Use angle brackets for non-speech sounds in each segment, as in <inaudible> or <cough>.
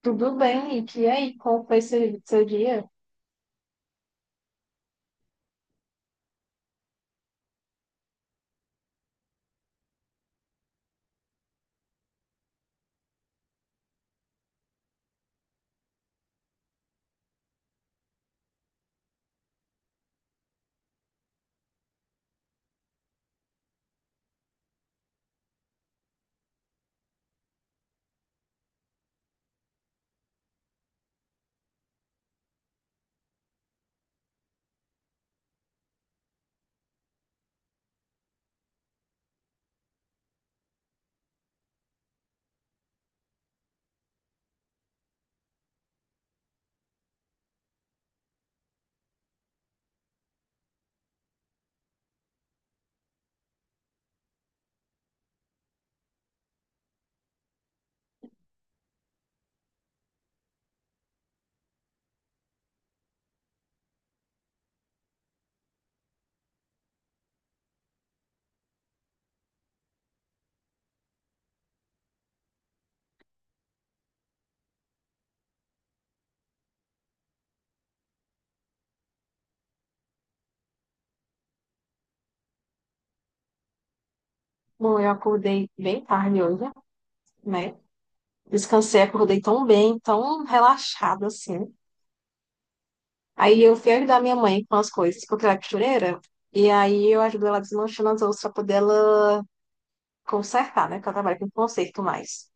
Tudo bem, e que aí? Como foi seu dia? Bom, eu acordei bem tarde hoje, né? Descansei, acordei tão bem, tão relaxada assim. Aí eu fui ajudar minha mãe com as coisas, porque ela é costureira. E aí eu ajudo ela desmanchando as outras pra poder ela consertar, né? Porque ela trabalha com conserto mais.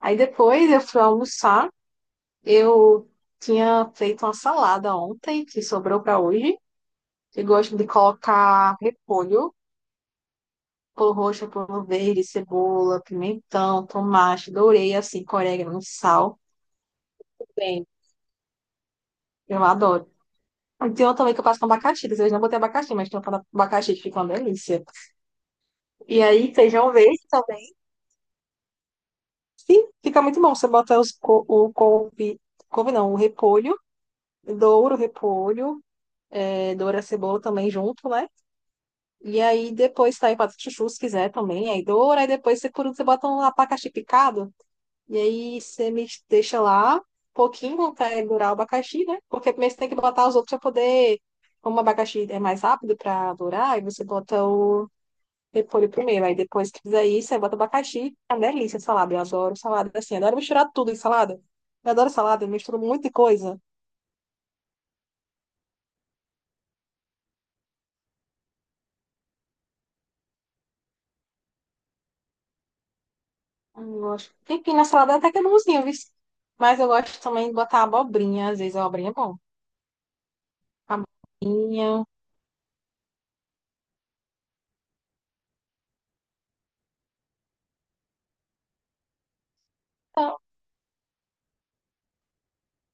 Aí depois eu fui almoçar. Eu tinha feito uma salada ontem, que sobrou pra hoje. Eu gosto de colocar repolho pulo roxo, pulo verde, cebola, pimentão, tomate, dourei, assim, com orégano, sal. Bem, eu adoro. E tem uma também que eu faço com abacaxi. Vocês não botem abacaxi, mas tem uma com abacaxi que fica uma delícia. E aí, feijão verde também. Sim, fica muito bom. Você bota o couve, couve não, o repolho, douro, o repolho, doura a cebola também junto, né? E aí depois tá aí, faz chuchu se quiser também. Aí doura, aí depois você, por último, você bota um abacaxi picado. E aí você me deixa lá um pouquinho até durar o abacaxi, né? Porque primeiro você tem que botar os outros para poder. Como o abacaxi é mais rápido para durar, aí você bota o repolho primeiro. Aí depois que fizer isso, você bota o abacaxi. É uma delícia a salada. Eu adoro salada assim. Adoro misturar tudo em salada. Eu adoro salada, eu misturo muita coisa. Eu gosto. Enfim, na salada até que é bonzinho, viu? Mas eu gosto também de botar abobrinha. Às vezes a abobrinha é bom. Abobrinha.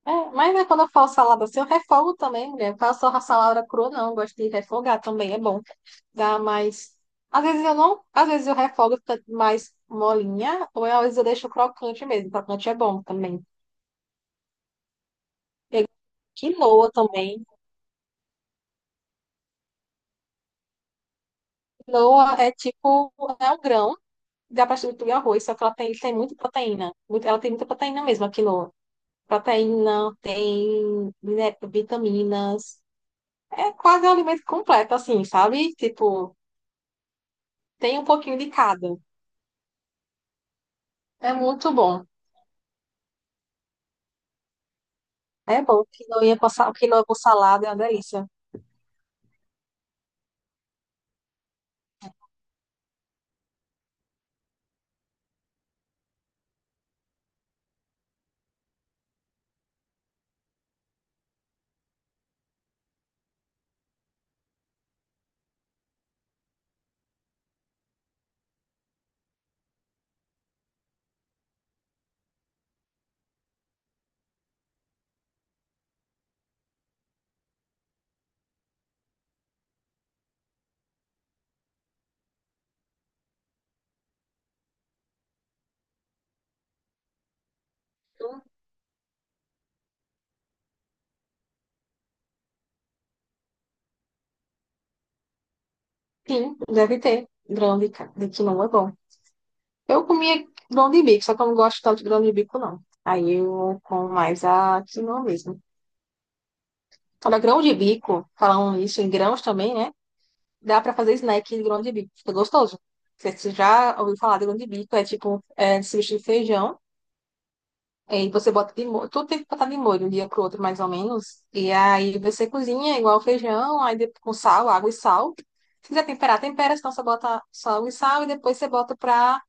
É, mas né, quando eu faço salada assim, eu refogo também, mulher. Eu faço a salada crua, não. Eu gosto de refogar também, é bom. Dá mais. Às vezes eu não. Às vezes eu refogo fica mais molinha, ou às vezes eu deixo crocante mesmo. Crocante é bom também. Tem quinoa também. Quinoa é tipo. É um grão, dá pra substituir arroz, só que ela tem muita proteína. Muito, ela tem muita proteína mesmo, a quinoa. Proteína, tem vitaminas. É quase um alimento completo, assim, sabe? Tipo, tem um pouquinho de cada. É muito bom. É bom, quinoa com salada é uma delícia. Sim, deve ter de quinoa, é bom. Eu comia grão de bico, só que eu não gosto tanto de grão de bico, não. Aí eu como mais a quinoa mesmo. Olha, grão de bico, falando isso em grãos também, né? Dá pra fazer snack de grão de bico, fica gostoso. Você já ouviu falar de grão de bico, é tipo, é, substitui feijão. É, e você bota de molho, tudo tem que botar de molho, um dia pro outro, mais ou menos. E aí você cozinha igual feijão, aí depois, com sal, água e sal. Se quiser temperar, tempera, senão você bota sal e sal, e depois você bota pra.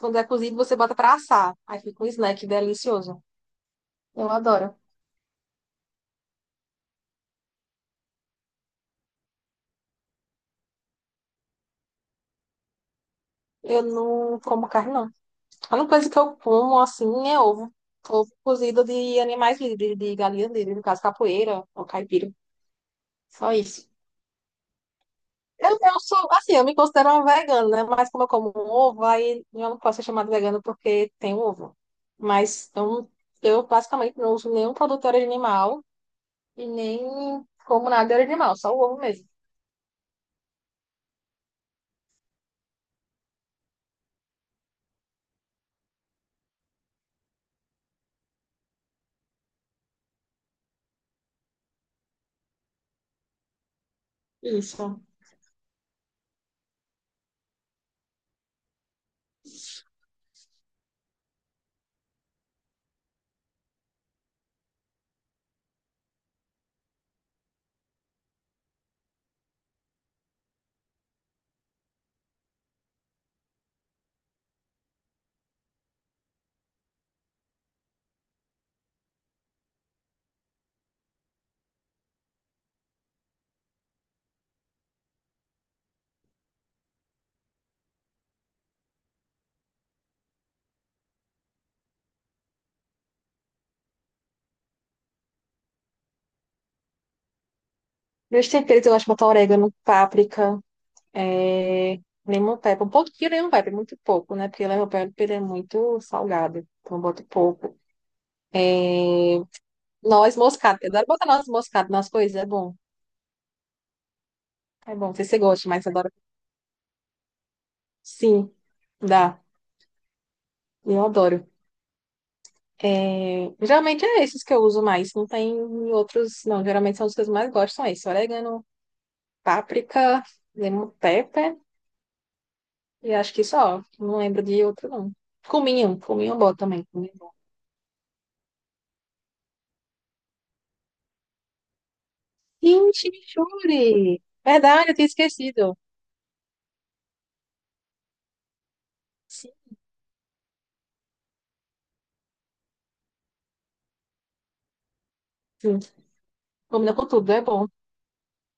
Quando é cozido, você bota pra assar. Aí fica um snack delicioso. Eu adoro. Eu não como carne, não. A única coisa que eu como, assim, é ovo. Ovo cozido de animais livres, de galinha livre, no caso, capoeira ou caipira. Só isso. Eu sou, assim, eu me considero uma vegana, né? Mas como eu como um ovo, aí eu não posso ser chamada vegana porque tem um ovo. Mas eu basicamente não uso nenhum produto de origem animal e nem como nada de origem animal, só o ovo mesmo. Isso. Meus temperos eu gosto de botar orégano, páprica, é... lemon pepper, um pouquinho de lemon pepper, muito pouco, né? Porque lemon pepper ele é muito salgado, então eu boto pouco. Noz moscada, eu adoro botar noz moscada nas coisas, é bom. É bom, não sei se você gosta, mas adoro. Sim, dá. Eu adoro. É, geralmente é esses que eu uso mais. Não tem outros, não. Geralmente são os que eu mais gosto, são esses. Orégano, páprica, lemon pepper. E acho que só. Não lembro de outro, não. Cominho. Cominho é bom também. Cominho é bom. Sim, chimichurri. Verdade, eu tinha esquecido. Sim, sim. Combina com tudo, é bom.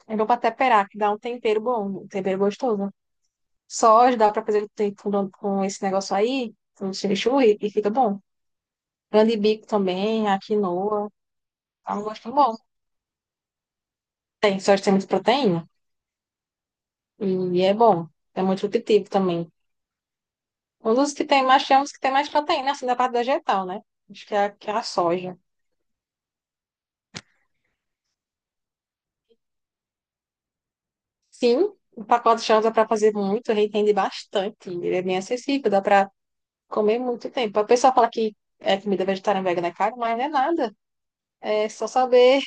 É bom pra temperar, que dá um tempero bom, um tempero gostoso. Só dá pra fazer com esse negócio aí, com o chimichurri, e fica bom. Grande bico também, a quinoa. Dá um gosto bom. Tem, só tem muita proteína. E é bom. É muito nutritivo também. Um dos que tem mais, tem uns que tem mais proteína, assim, da parte vegetal, né? Acho que que é a soja. Sim, o pacote de soja dá pra fazer muito, ele rende bastante. Ele é bem acessível, dá pra comer muito tempo. A pessoa fala que é comida vegetariana e vegana é caro, mas não é nada. É só saber.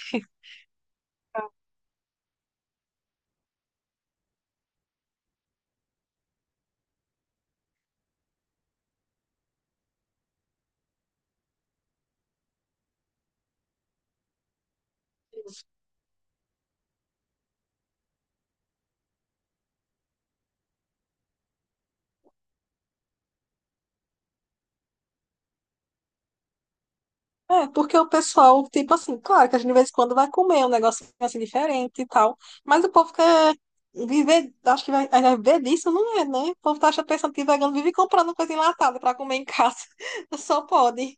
É, porque o pessoal, tipo assim, claro que a gente de vez em quando vai comer um negócio assim diferente e tal, mas o povo quer viver, acho que vai viver disso, não é, né? O povo tá achando, pensando que vegano vive comprando coisa enlatada pra comer em casa, <laughs> só pode.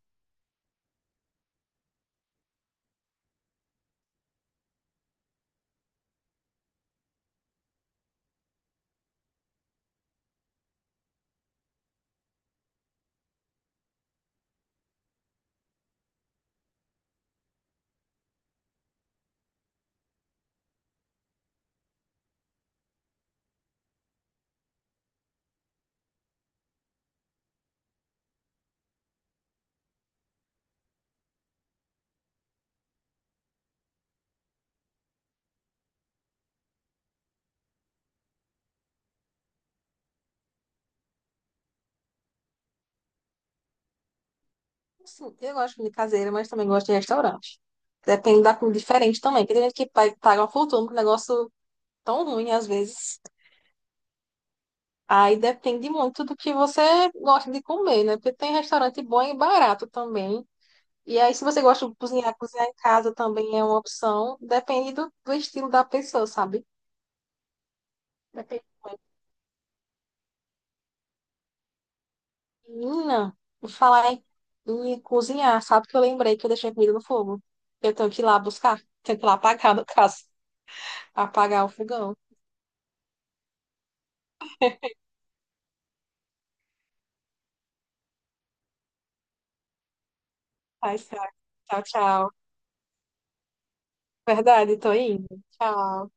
Sim, eu gosto de comida caseira, mas também gosto de restaurante. Depende da comida diferente também, porque tem gente que paga uma fortuna com um negócio tão ruim às vezes. Aí depende muito do que você gosta de comer, né? Porque tem restaurante bom e barato também. E aí, se você gosta de cozinhar, cozinhar em casa também é uma opção. Depende do estilo da pessoa, sabe? Depende muito. Menina, vou em cozinhar. Sabe que eu lembrei que eu deixei a comida no fogo? Eu tenho que ir lá buscar. Tenho que ir lá apagar, no caso. Apagar o fogão. Ai, tchau, tchau. Tchau. Verdade, tô indo. Tchau.